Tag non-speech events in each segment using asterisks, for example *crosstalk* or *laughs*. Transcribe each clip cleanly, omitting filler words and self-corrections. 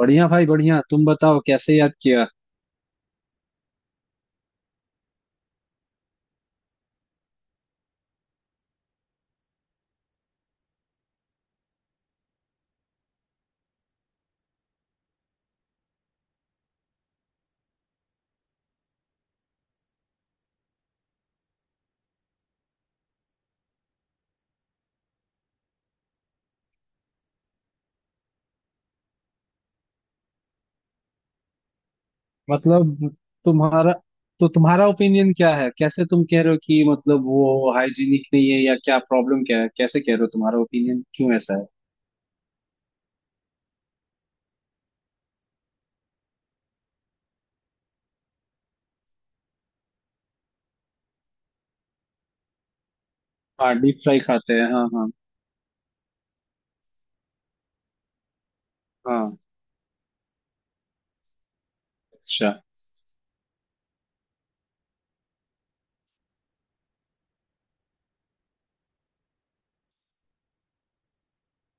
बढ़िया भाई बढ़िया। तुम बताओ कैसे याद किया? मतलब, तुम्हारा तो तुम्हारा ओपिनियन क्या है? कैसे तुम कह रहे हो कि मतलब वो हाइजीनिक नहीं है या क्या? प्रॉब्लम क्या है? कैसे कह रहे हो? तुम्हारा ओपिनियन क्यों ऐसा है? हाँ, डीप फ्राई खाते हैं। हाँ, हाँ, हाँ। अच्छा।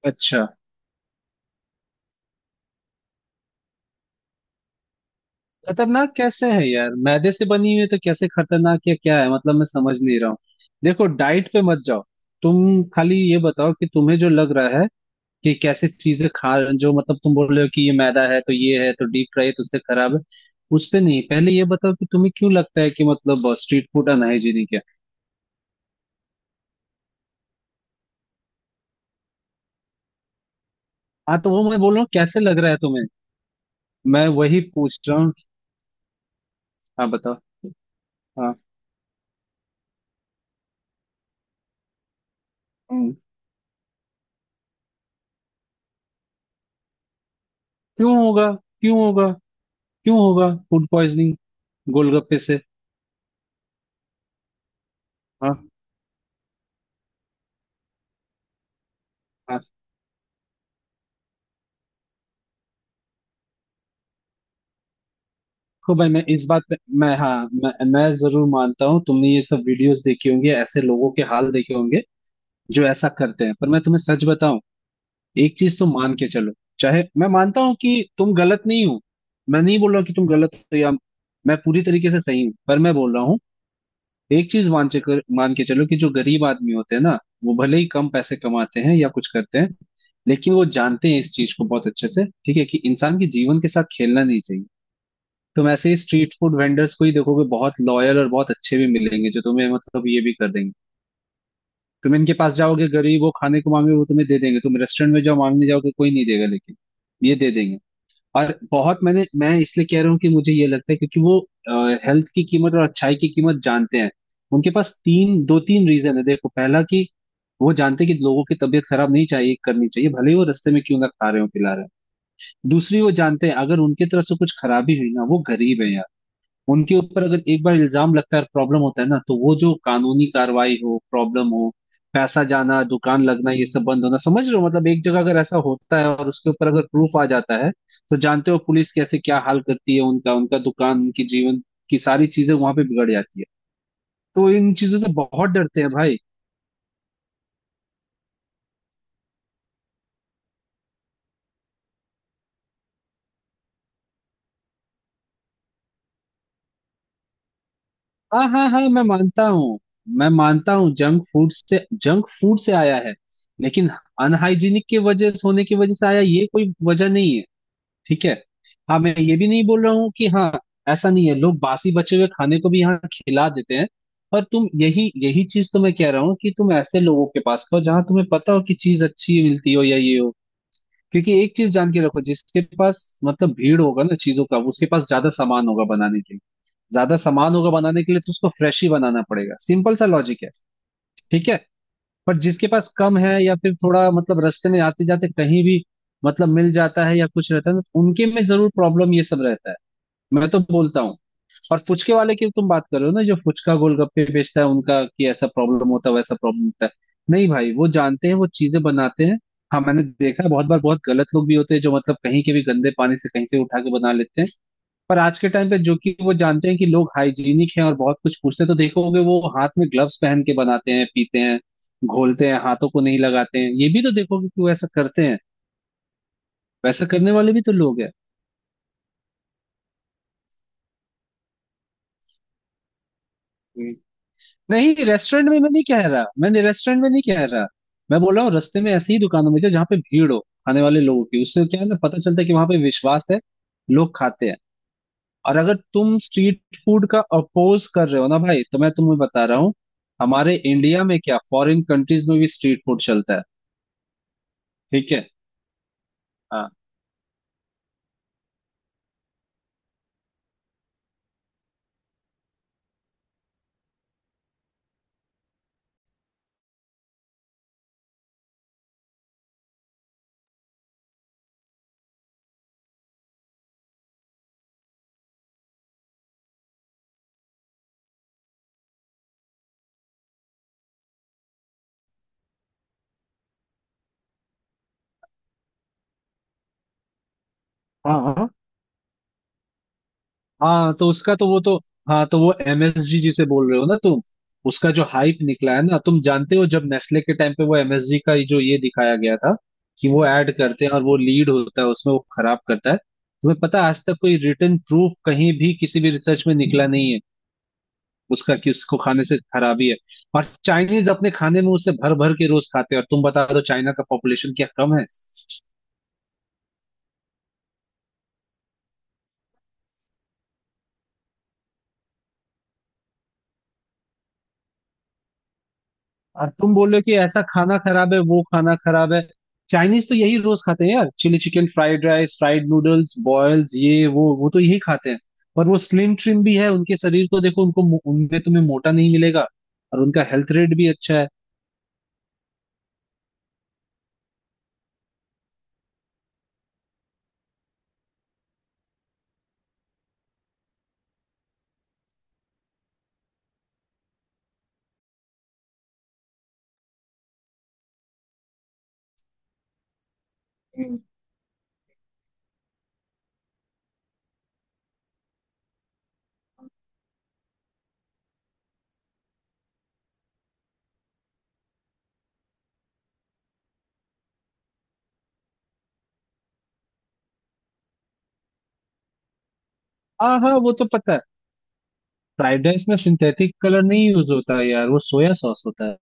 अच्छा। खतरनाक कैसे है यार? मैदे से बनी हुई है तो कैसे खतरनाक या क्या है? मतलब, मैं समझ नहीं रहा हूँ। देखो, डाइट पे मत जाओ। तुम खाली ये बताओ कि तुम्हें जो लग रहा है कि कैसे चीजें खा। जो मतलब तुम बोल रहे हो कि ये मैदा है तो ये है, तो डीप फ्राई है तो उससे खराब है, उस पे नहीं। पहले ये बताओ कि तुम्हें क्यों लगता है कि मतलब स्ट्रीट फूड अनहाइजीनिक है। हाँ, तो वो मैं बोल रहा हूँ, कैसे लग रहा है तुम्हें? मैं वही पूछ रहा हूँ। हाँ, बताओ। हाँ। हम्म। क्यों होगा? क्यों होगा? क्यों होगा फूड पॉइजनिंग? गोलगप्पे से? हाँ, हाँ। तो भाई, मैं इस बात पे मैं हाँ मैं जरूर मानता हूँ, तुमने ये सब वीडियोस देखी होंगी, ऐसे लोगों के हाल देखे होंगे जो ऐसा करते हैं, पर मैं तुम्हें सच बताऊं। एक चीज तो मान के चलो। चाहे मैं मानता हूं कि तुम गलत नहीं हो, मैं नहीं बोल रहा हूं कि तुम गलत हो या मैं पूरी तरीके से सही हूँ। पर मैं बोल रहा हूँ, एक चीज मान के चलो कि जो गरीब आदमी होते हैं ना, वो भले ही कम पैसे कमाते हैं या कुछ करते हैं, लेकिन वो जानते हैं इस चीज को बहुत अच्छे से। ठीक है कि इंसान के जीवन के साथ खेलना नहीं चाहिए। तुम ऐसे ही स्ट्रीट फूड वेंडर्स को ही देखोगे, बहुत लॉयल और बहुत अच्छे भी मिलेंगे जो तुम्हें मतलब ये भी कर देंगे। तुम इनके पास जाओगे, गरीब हो खाने को मांगे, वो तुम्हें दे देंगे। तुम रेस्टोरेंट में जाओ मांगने जाओगे कोई नहीं देगा, लेकिन ये दे देंगे। और बहुत मैंने मैं इसलिए कह रहा हूँ कि मुझे ये लगता है, क्योंकि वो हेल्थ की कीमत और अच्छाई की कीमत जानते हैं। उनके पास तीन, दो तीन रीजन है। देखो, पहला कि वो जानते हैं कि लोगों की तबीयत खराब नहीं चाहिए करनी चाहिए, भले ही वो रास्ते में क्यों ना खा रहे हो पिला रहे हो। दूसरी, वो जानते हैं अगर उनकी तरफ से कुछ खराबी हुई ना, वो गरीब है यार। उनके ऊपर अगर एक बार इल्जाम लगता है, प्रॉब्लम होता है ना, तो वो जो कानूनी कार्रवाई हो, प्रॉब्लम हो, पैसा जाना, दुकान लगना, ये सब बंद होना, समझ रहे हो? मतलब एक जगह अगर ऐसा होता है और उसके ऊपर अगर प्रूफ आ जाता है, तो जानते हो पुलिस कैसे क्या हाल करती है उनका उनका दुकान, उनकी जीवन की सारी चीजें वहां पे बिगड़ जाती है। तो इन चीजों से बहुत डरते हैं भाई। हाँ, हाँ, हाँ, मैं मानता हूँ। मैं मानता हूँ, जंक फूड से आया है, लेकिन अनहाइजीनिक के वजह होने की वजह से आया, ये कोई वजह नहीं है। ठीक है। हाँ, मैं ये भी नहीं बोल रहा हूँ कि हाँ, ऐसा नहीं है, लोग बासी बचे हुए खाने को भी यहाँ खिला देते हैं। पर तुम, यही यही चीज तो मैं कह रहा हूँ कि तुम ऐसे लोगों के पास खाओ जहाँ तुम्हें पता हो कि चीज अच्छी मिलती हो या ये हो। क्योंकि एक चीज जान के रखो, जिसके पास मतलब भीड़ होगा ना चीजों का, उसके पास ज्यादा सामान होगा बनाने के लिए। ज्यादा सामान होगा बनाने के लिए तो उसको फ्रेश ही बनाना पड़ेगा, सिंपल सा लॉजिक है। ठीक है। पर जिसके पास कम है या फिर थोड़ा मतलब रास्ते में आते जाते कहीं भी मतलब मिल जाता है या कुछ रहता है, तो उनके में जरूर प्रॉब्लम ये सब रहता है, मैं तो बोलता हूँ। और फुचके वाले की तुम बात कर रहे हो ना, जो फुचका गोलगप्पे बेचता है उनका, कि ऐसा प्रॉब्लम होता है वैसा प्रॉब्लम होता है? नहीं भाई, वो जानते हैं, वो चीजें बनाते हैं। हाँ, मैंने देखा है बहुत बार, बहुत गलत लोग भी होते हैं जो मतलब कहीं के भी गंदे पानी से कहीं से उठा के बना लेते हैं। पर आज के टाइम पे जो कि वो जानते हैं कि लोग हाइजीनिक हैं और बहुत कुछ पूछते हैं, तो देखोगे वो हाथ में ग्लव्स पहन के बनाते हैं, पीते हैं, घोलते हैं, हाथों को नहीं लगाते हैं। ये भी तो देखोगे कि वो ऐसा करते हैं। वैसा करने वाले भी तो लोग हैं। हम्म। नहीं, रेस्टोरेंट में मैं नहीं कह रहा, मैंने रेस्टोरेंट में नहीं कह रहा। मैं बोल रहा हूँ रास्ते में ऐसी ही दुकानों में जाओ जहाँ पे भीड़ हो खाने वाले लोगों की, उससे क्या है ना, पता चलता है कि वहां पे विश्वास है, लोग खाते हैं। और अगर तुम स्ट्रीट फूड का अपोज कर रहे हो ना भाई, तो मैं तुम्हें बता रहा हूँ, हमारे इंडिया में क्या, फॉरेन कंट्रीज में भी स्ट्रीट फूड चलता है। ठीक है। हाँ। हाँ, हाँ, हाँ। तो उसका तो वो तो हाँ, तो वो एमएसजी जिसे बोल रहे हो ना तुम, उसका जो हाइप निकला है ना, तुम जानते हो जब नेस्ले के टाइम पे वो एमएसजी का ये जो ये दिखाया गया था कि वो ऐड करते हैं और वो लीड होता है उसमें, वो खराब करता है, तुम्हें पता है आज तक कोई रिटन प्रूफ कहीं भी किसी भी रिसर्च में निकला नहीं है उसका, कि उसको खाने से खराबी है? और चाइनीज अपने खाने में उसे भर भर के रोज खाते हैं, और तुम बता दो चाइना का पॉपुलेशन क्या कम है? और तुम बोल रहे हो कि ऐसा खाना खराब है, वो खाना खराब है। चाइनीज तो यही रोज खाते हैं यार, chilli chicken, fried rice, fried noodles, boils, ये वो तो यही खाते हैं। पर वो स्लिम ट्रिम भी है, उनके शरीर को देखो, उनको उनमें तुम्हें मोटा नहीं मिलेगा। और उनका हेल्थ रेट भी अच्छा है। हाँ, हाँ, वो तो पता है। फ्राइड राइस में सिंथेटिक कलर नहीं यूज होता है यार, वो सोया सॉस होता है।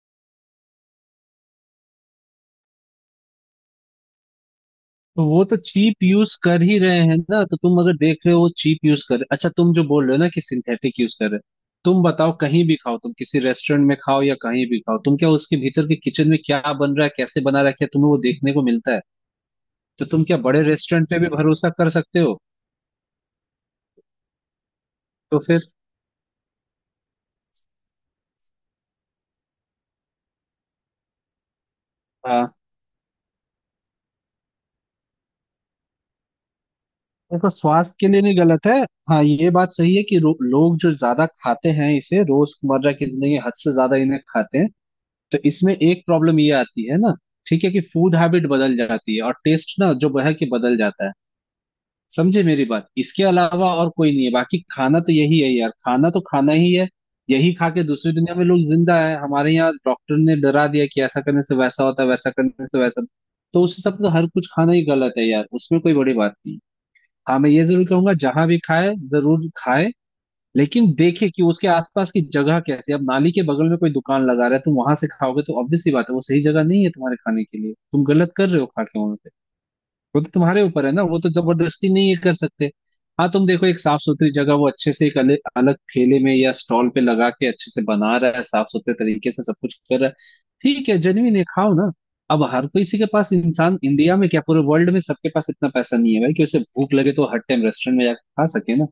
तो वो तो चीप यूज कर ही रहे हैं ना, तो तुम अगर देख रहे हो वो चीप यूज कर रहे। अच्छा, तुम जो बोल रहे हो ना कि सिंथेटिक यूज कर रहे हो, तुम बताओ, कहीं भी खाओ तुम, किसी रेस्टोरेंट में खाओ या कहीं भी खाओ, तुम क्या उसके भीतर के किचन में क्या बन रहा है कैसे बना रहा है, क्या तुम्हें वो देखने को मिलता है? तो तुम क्या बड़े रेस्टोरेंट पे भी भरोसा कर सकते हो? तो फिर? हाँ, देखो, स्वास्थ्य के लिए नहीं गलत है। हाँ, ये बात सही है कि लोग जो ज्यादा खाते हैं इसे, रोजमर्रा की जिंदगी में हद से ज्यादा इन्हें खाते हैं, तो इसमें एक प्रॉब्लम ये आती है ना। ठीक है, कि फूड हैबिट बदल जाती है और टेस्ट ना जो है कि बदल जाता है। समझे मेरी बात? इसके अलावा और कोई नहीं है, बाकी खाना तो यही है यार, खाना तो खाना ही है। यही खा के दूसरी दुनिया में लोग जिंदा है, हमारे यहाँ डॉक्टर ने डरा दिया कि ऐसा करने से वैसा होता है, वैसा करने से वैसा। तो उस हिसाब से तो हर कुछ खाना ही गलत है यार, उसमें कोई बड़ी बात नहीं। हाँ, मैं ये जरूर कहूंगा, जहां भी खाए जरूर खाए, लेकिन देखे कि उसके आसपास की जगह कैसी है। अब नाली के बगल में कोई दुकान लगा रहा है, तुम वहां से खाओगे तो ऑब्वियस सी बात है वो सही जगह नहीं है तुम्हारे खाने के लिए, तुम गलत कर रहे हो खा के वहां पे। वो तो तुम्हारे ऊपर है ना, वो तो जबरदस्ती नहीं ये कर सकते। हाँ, तुम देखो एक साफ सुथरी जगह, वो अच्छे से एक अलग अलग ठेले में या स्टॉल पे लगा के अच्छे से बना रहा है, साफ सुथरे तरीके से सब कुछ कर रहा है, ठीक है, जेन्युइन है, खाओ ना। अब हर किसी के पास, इंसान इंडिया में क्या पूरे वर्ल्ड में, सबके पास इतना पैसा नहीं है भाई कि उसे भूख लगे तो हर टाइम रेस्टोरेंट में जाकर खा सके ना।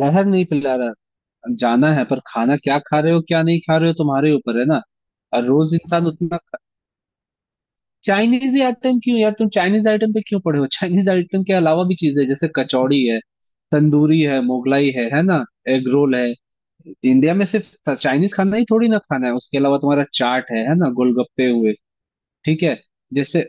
जहर नहीं पिला रहा, जाना है पर खाना क्या खा रहे हो क्या नहीं खा रहे हो, तुम्हारे ऊपर है ना। और रोज इंसान उतना चाइनीज ही आइटम क्यों यार, तुम चाइनीज आइटम पे क्यों पड़े हो? चाइनीज आइटम के अलावा भी चीजें हैं, जैसे कचौड़ी है, तंदूरी है, मोगलाई है ना, एग रोल है। इंडिया में सिर्फ चाइनीज खाना ही थोड़ी ना खाना है, उसके अलावा तुम्हारा चाट है ना, गोलगप्पे हुए। ठीक है। जैसे,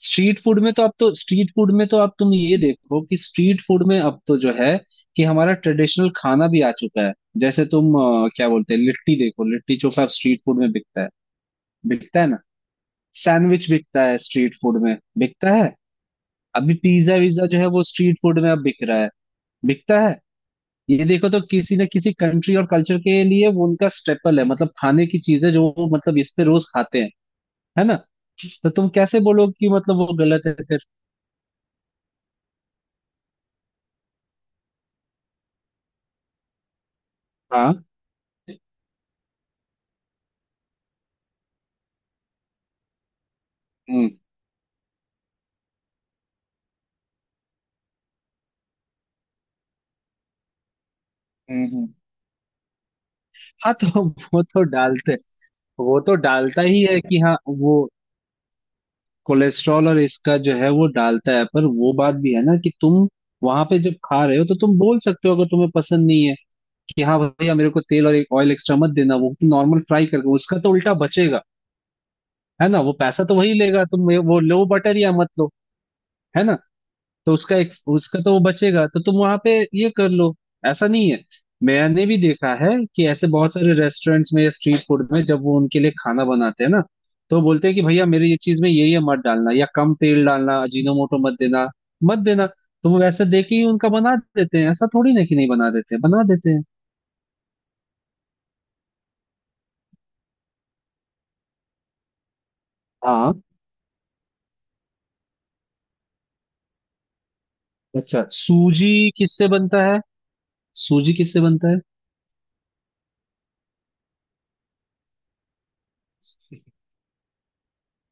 स्ट्रीट फूड में तो अब तुम ये देखो कि स्ट्रीट फूड में अब तो जो है कि हमारा ट्रेडिशनल खाना भी आ चुका है। जैसे तुम, क्या बोलते हैं, लिट्टी, देखो, लिट्टी चोखा अब स्ट्रीट फूड में बिकता है। बिकता है ना? सैंडविच बिकता है, स्ट्रीट फूड में बिकता है। अभी पिज्जा विज्जा जो है वो स्ट्रीट फूड में अब बिक रहा है। बिकता है। ये देखो तो किसी न किसी कंट्री और कल्चर के लिए वो उनका स्टेपल है, मतलब खाने की चीजें जो वो मतलब इस पे रोज खाते हैं। है ना? तो तुम कैसे बोलो कि मतलब वो गलत है फिर। हाँ। हम्म हम्म हम्म। हाँ तो *laughs* वो तो डालते वो तो डालता ही है कि हाँ वो कोलेस्ट्रॉल और इसका जो है वो डालता है, पर वो बात भी है ना कि तुम वहां पे जब खा रहे हो तो तुम बोल सकते हो अगर तुम्हें पसंद नहीं है कि हाँ भैया मेरे को तेल और एक ऑयल एक्स्ट्रा मत देना, वो नॉर्मल फ्राई करके उसका तो उल्टा बचेगा। है ना? वो पैसा तो वही लेगा। तुम वो लो बटर या मत लो। है ना? तो उसका तो वो बचेगा, तो तुम वहां पे ये कर लो। ऐसा नहीं है। मैंने भी देखा है कि ऐसे बहुत सारे रेस्टोरेंट्स में या स्ट्रीट फूड में जब वो उनके लिए खाना बनाते हैं ना तो बोलते हैं कि भैया मेरे ये चीज में ये मत डालना या कम तेल डालना, अजीनोमोटो मत देना मत देना। तो वो वैसे दे के ही उनका बना देते हैं, ऐसा थोड़ी ना कि नहीं बना देते हैं, बना देते हैं। हाँ। अच्छा, सूजी किससे बनता है? सूजी किससे बनता है?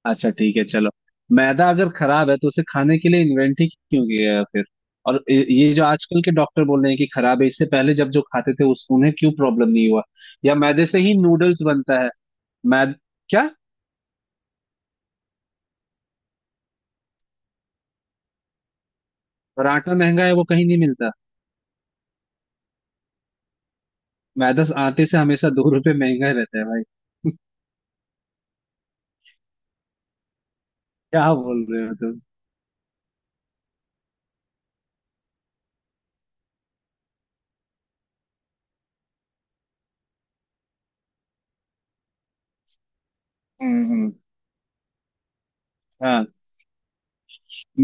अच्छा ठीक है चलो। मैदा अगर खराब है तो उसे खाने के लिए इन्वेंट ही क्यों किया गया फिर? और ये जो आजकल के डॉक्टर बोल रहे हैं कि खराब है, इससे पहले जब जो खाते थे उस उन्हें क्यों प्रॉब्लम नहीं हुआ? या मैदे से ही नूडल्स बनता है। मैद क्या? और आटा महंगा है वो कहीं नहीं मिलता। मैदा आटे से हमेशा 2 रुपए महंगा ही रहता है भाई। क्या बोल रहे हो तुम? हम्म हम्म। हाँ।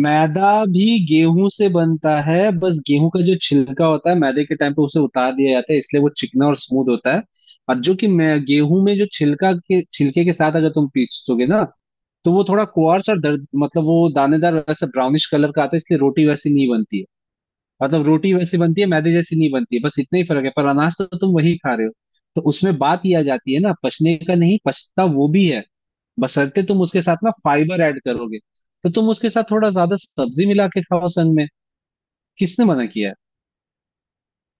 मैदा भी गेहूं से बनता है, बस गेहूं का जो छिलका होता है मैदे के टाइम पे उसे उतार दिया जाता है, इसलिए वो चिकना और स्मूथ होता है। और जो कि मैं गेहूं में जो छिलका के छिलके के साथ अगर तुम पीसोगे ना, तो वो थोड़ा कुआर्स और दर्द मतलब वो दानेदार वैसा ब्राउनिश कलर का आता है, इसलिए रोटी वैसी नहीं बनती है। मतलब रोटी वैसी बनती है, मैदे जैसी नहीं बनती है, बस इतना ही फर्क है, पर अनाज तो तुम वही खा रहे हो। तो उसमें बात यह आ जाती है ना पचने का, नहीं पचता वो भी है, बशर्ते तुम उसके साथ ना फाइबर ऐड करोगे। तो तुम उसके साथ थोड़ा ज्यादा सब्जी मिला के खाओ संग में। किसने मना किया है?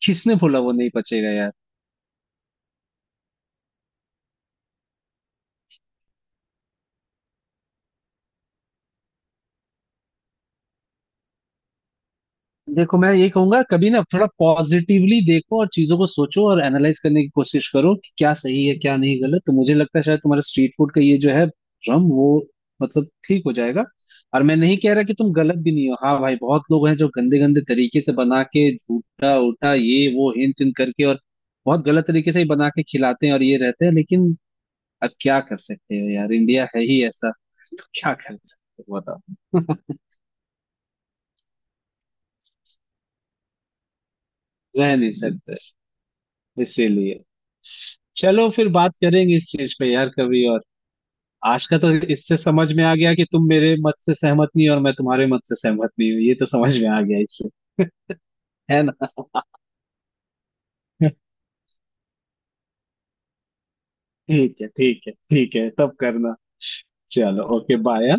किसने बोला वो नहीं पचेगा यार? देखो मैं ये कहूंगा कभी ना, थोड़ा पॉजिटिवली देखो और चीजों को सोचो और एनालाइज करने की कोशिश करो कि क्या सही है क्या नहीं गलत, तो मुझे लगता है शायद तुम्हारा स्ट्रीट फूड का ये जो है भ्रम वो मतलब ठीक हो जाएगा। और मैं नहीं कह रहा कि तुम गलत भी नहीं हो। हाँ भाई बहुत लोग हैं जो गंदे गंदे तरीके से बना के झूठा उठा ये वो हिन तिन करके और बहुत गलत तरीके से ही बना के खिलाते हैं और ये रहते हैं, लेकिन अब क्या कर सकते हो यार, इंडिया है ही ऐसा। तो क्या कर सकते हो बताओ? रह नहीं सकते। इसीलिए चलो फिर बात करेंगे इस चीज पे यार कभी और। आज का तो इससे समझ में आ गया कि तुम मेरे मत से सहमत नहीं हो और मैं तुम्हारे मत से सहमत नहीं हूँ, ये तो समझ में आ गया इससे। है ना? *laughs* ठीक है ठीक है ठीक है तब करना। चलो ओके बाय।